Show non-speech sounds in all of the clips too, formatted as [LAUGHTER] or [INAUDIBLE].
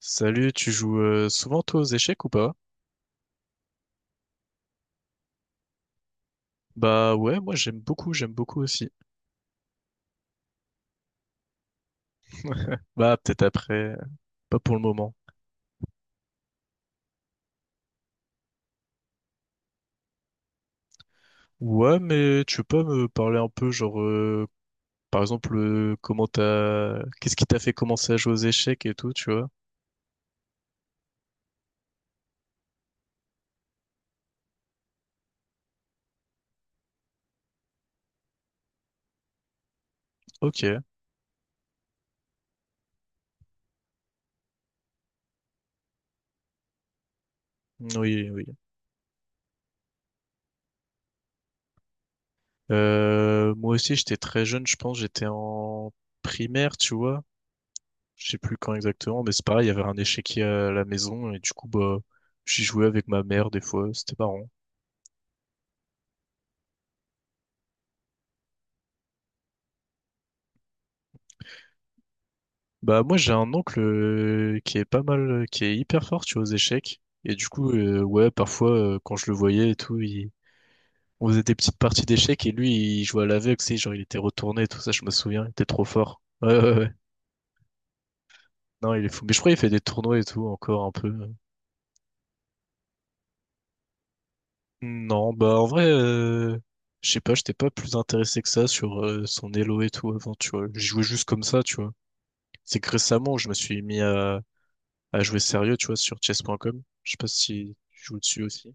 Salut, tu joues souvent toi aux échecs ou pas? Bah ouais, moi j'aime beaucoup aussi. Bah peut-être après, pas pour le moment. Ouais, mais tu peux pas me parler un peu genre par exemple comment t'as qu'est-ce qui t'a fait commencer à jouer aux échecs et tout, tu vois? OK. Oui, oui. Moi aussi j'étais très jeune, je pense, j'étais en primaire, tu vois. Je sais plus quand exactement, mais c'est pareil, il y avait un échiquier à la maison et du coup bah j'y jouais avec ma mère des fois, c'était marrant. Bah moi j'ai un oncle qui est pas mal, qui est hyper fort, tu vois, aux échecs. Et du coup, ouais, parfois quand je le voyais et tout, il... On faisait des petites parties d'échecs et lui il jouait à l'aveugle, tu sais, genre il était retourné et tout ça, je me souviens, il était trop fort. Ouais, ouais, ouais. Non, il est fou. Mais je crois qu'il fait des tournois et tout encore un peu. Non, bah en vrai, je sais pas, j'étais pas plus intéressé que ça sur son Elo et tout avant, tu vois. Je jouais juste comme ça, tu vois. C'est que récemment je me suis mis à jouer sérieux, tu vois, sur chess.com. Je sais pas si tu joues dessus aussi.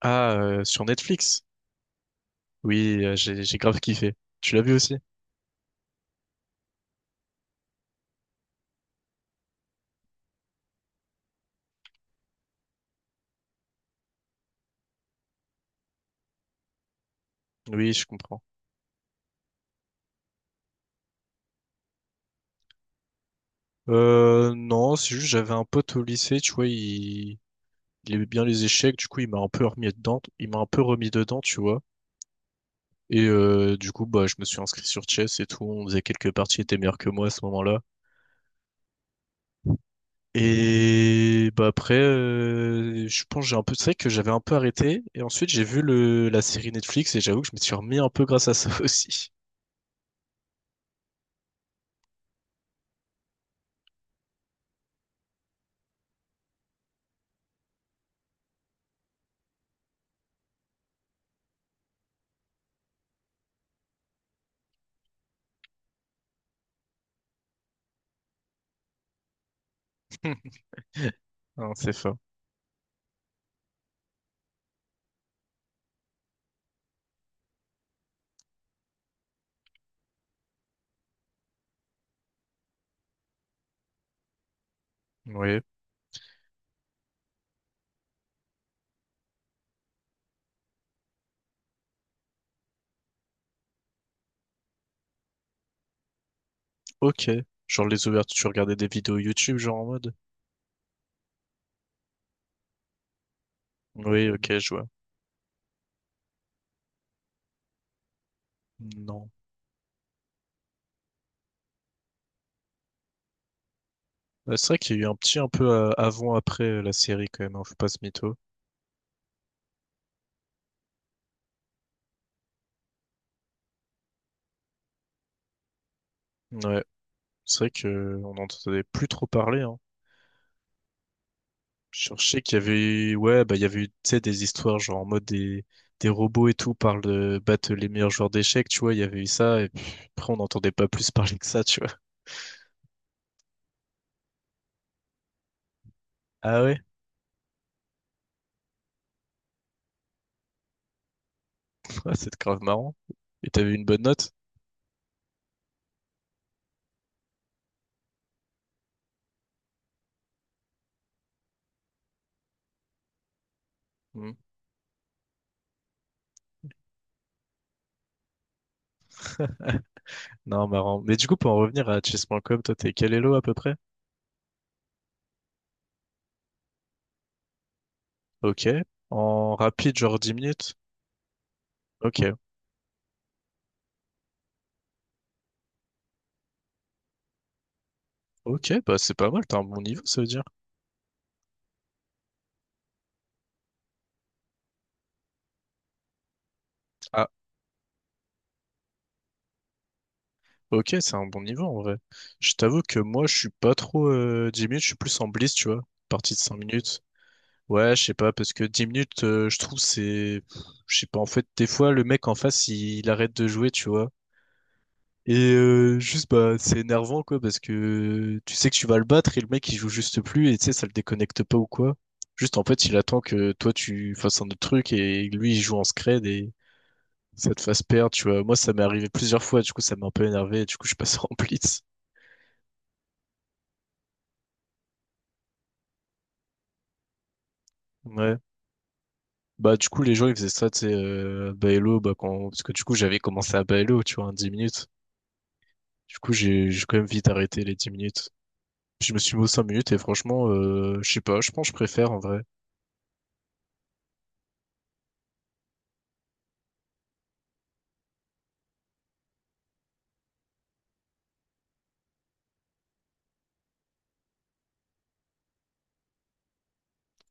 Ah, sur Netflix. Oui, j'ai grave kiffé. Tu l'as vu aussi? Oui, je comprends. Non, c'est juste j'avais un pote au lycée, tu vois, il aimait bien les échecs, du coup il m'a un peu remis dedans, il m'a un peu remis dedans, tu vois. Et du coup, bah, je me suis inscrit sur Chess et tout, on faisait quelques parties, il était meilleur que moi à ce moment-là. Et bah après, je pense que j'ai un peu, c'est vrai que j'avais un peu arrêté. Et ensuite, j'ai vu la série Netflix et j'avoue que je me suis remis un peu grâce à ça [LAUGHS] aussi. [LAUGHS] Non, c'est fort. Oui. Ok. Genre les ouvertures, tu regardais des vidéos YouTube, genre en mode. Oui, ok, je vois. Non. Bah, c'est vrai qu'il y a eu un petit un peu avant après la série quand même, hein, faut pas se mytho. Ouais, c'est vrai que on n'entendait plus trop parler, hein. Je cherchais qu'il y avait eu, ouais, bah, il y avait eu, tu sais, des histoires, genre, en mode des robots et tout, parlent de battre les meilleurs joueurs d'échecs, tu vois, il y avait eu ça, et puis après, on n'entendait pas plus [LAUGHS] parler que ça, tu vois. Ah ouais? [LAUGHS] Ouais, c'est grave marrant. Et t'avais une bonne note? Hmm. [LAUGHS] Non, marrant. Mais du coup, pour en revenir à chess.com, toi, t'es quel elo à peu près? Ok. En rapide, genre 10 minutes? Ok. Ok, bah, c'est pas mal, t'as un bon niveau, ça veut dire. Ok, c'est un bon niveau en vrai. Je t'avoue que moi, je suis pas trop 10 minutes, je suis plus en blitz, tu vois. Partie de 5 minutes. Ouais, je sais pas, parce que 10 minutes, je trouve c'est... Je sais pas, en fait, des fois, le mec en face, il arrête de jouer, tu vois. Et juste, bah, c'est énervant, quoi, parce que tu sais que tu vas le battre et le mec, il joue juste plus, et tu sais, ça le déconnecte pas ou quoi. Juste, en fait, il attend que toi, tu fasses un autre truc, et lui, il joue en scred, et ça te fasse perdre, tu vois. Moi, ça m'est arrivé plusieurs fois, du coup, ça m'a un peu énervé, et du coup, je passe [LAUGHS] en blitz. Ouais, bah, du coup, les gens, ils faisaient ça, tu sais, à Baello, bah, quand, parce que du coup, j'avais commencé à Baello, tu vois, en 10 minutes. Du coup, j'ai quand même vite arrêté les 10 minutes. Puis, je me suis mis aux 5 minutes et franchement, je sais pas, je pense que je préfère en vrai.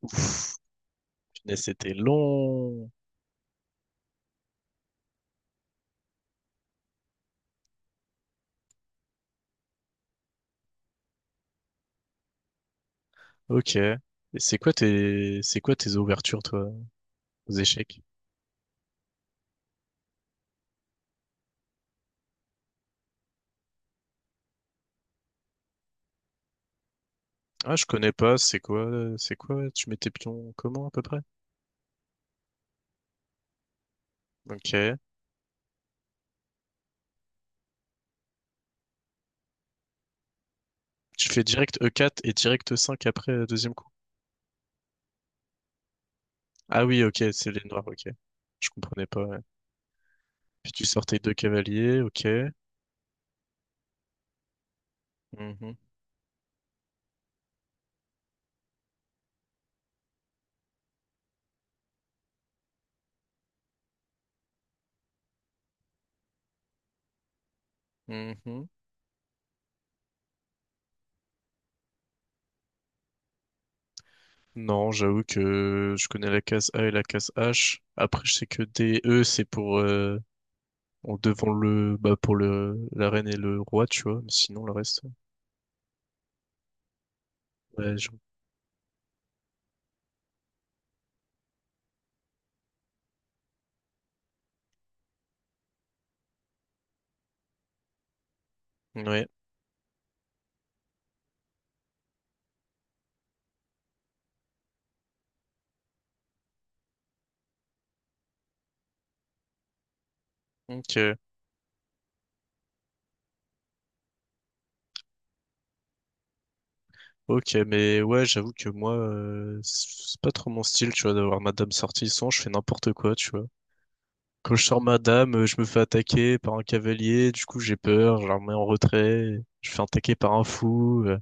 Ouf, punaise, c'était long. Ok. Et c'est quoi tes ouvertures, toi, aux échecs? Ah, je connais pas, c'est quoi, tu mets tes pions comment, à peu près? Ok. Tu fais direct E4 et direct E5 après, deuxième coup. Ah oui, ok, c'est les noirs, ok. Je comprenais pas. Puis tu sortais deux cavaliers, ok. Mhm, mhm. Non, j'avoue que je connais la case A et la case H. Après, je sais que D et E, c'est pour en devant le bah pour le la reine et le roi, tu vois. Mais sinon, le reste, ouais, ouais. Ok, ok, mais ouais, j'avoue que moi, c'est pas trop mon style, tu vois, d'avoir Madame Sortisson. Je fais n'importe quoi, tu vois. Quand je sors Madame, je me fais attaquer par un cavalier. Du coup, j'ai peur. Je la remets en retrait. Je me fais attaquer par un fou.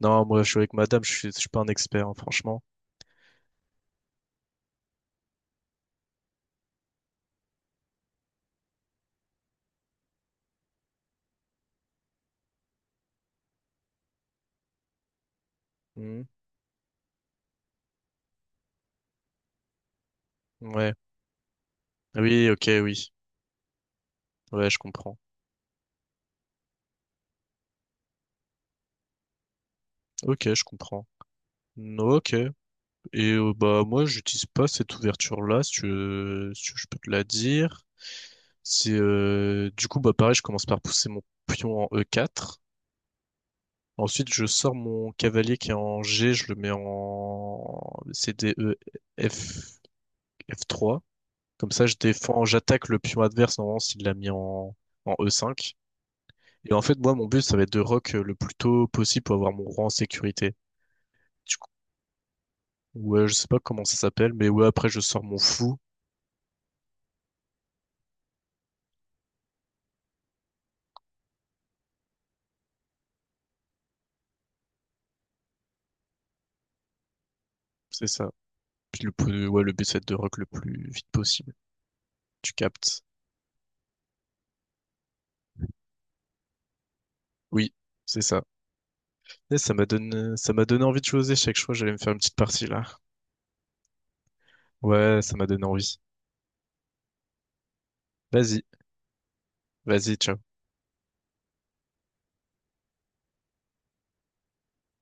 Non, moi, je suis avec madame, je suis pas un expert, hein, franchement. Hmm. Ouais. Oui, ok, oui. Ouais, je comprends. Ok, je comprends. No, Ok. Et bah moi, j'utilise pas cette ouverture-là, si tu veux, je peux te la dire. C'est du coup bah pareil, je commence par pousser mon pion en E4. Ensuite, je sors mon cavalier qui est en G, je le mets en c d e F... F3. Comme ça, je défends, j'attaque le pion adverse normalement s'il l'a mis en e5. Et en fait, moi, mon but, ça va être de rock le plus tôt possible pour avoir mon roi en sécurité. Du coup, ouais, je sais pas comment ça s'appelle, mais ouais, après, je sors mon fou. C'est ça. Puis ouais, le but, c'est de rock le plus vite possible. Tu captes. Oui, c'est ça. Et ça m'a donné envie de jouer aux échecs. Je crois que j'allais me faire une petite partie là. Ouais, ça m'a donné envie. Vas-y, vas-y, ciao.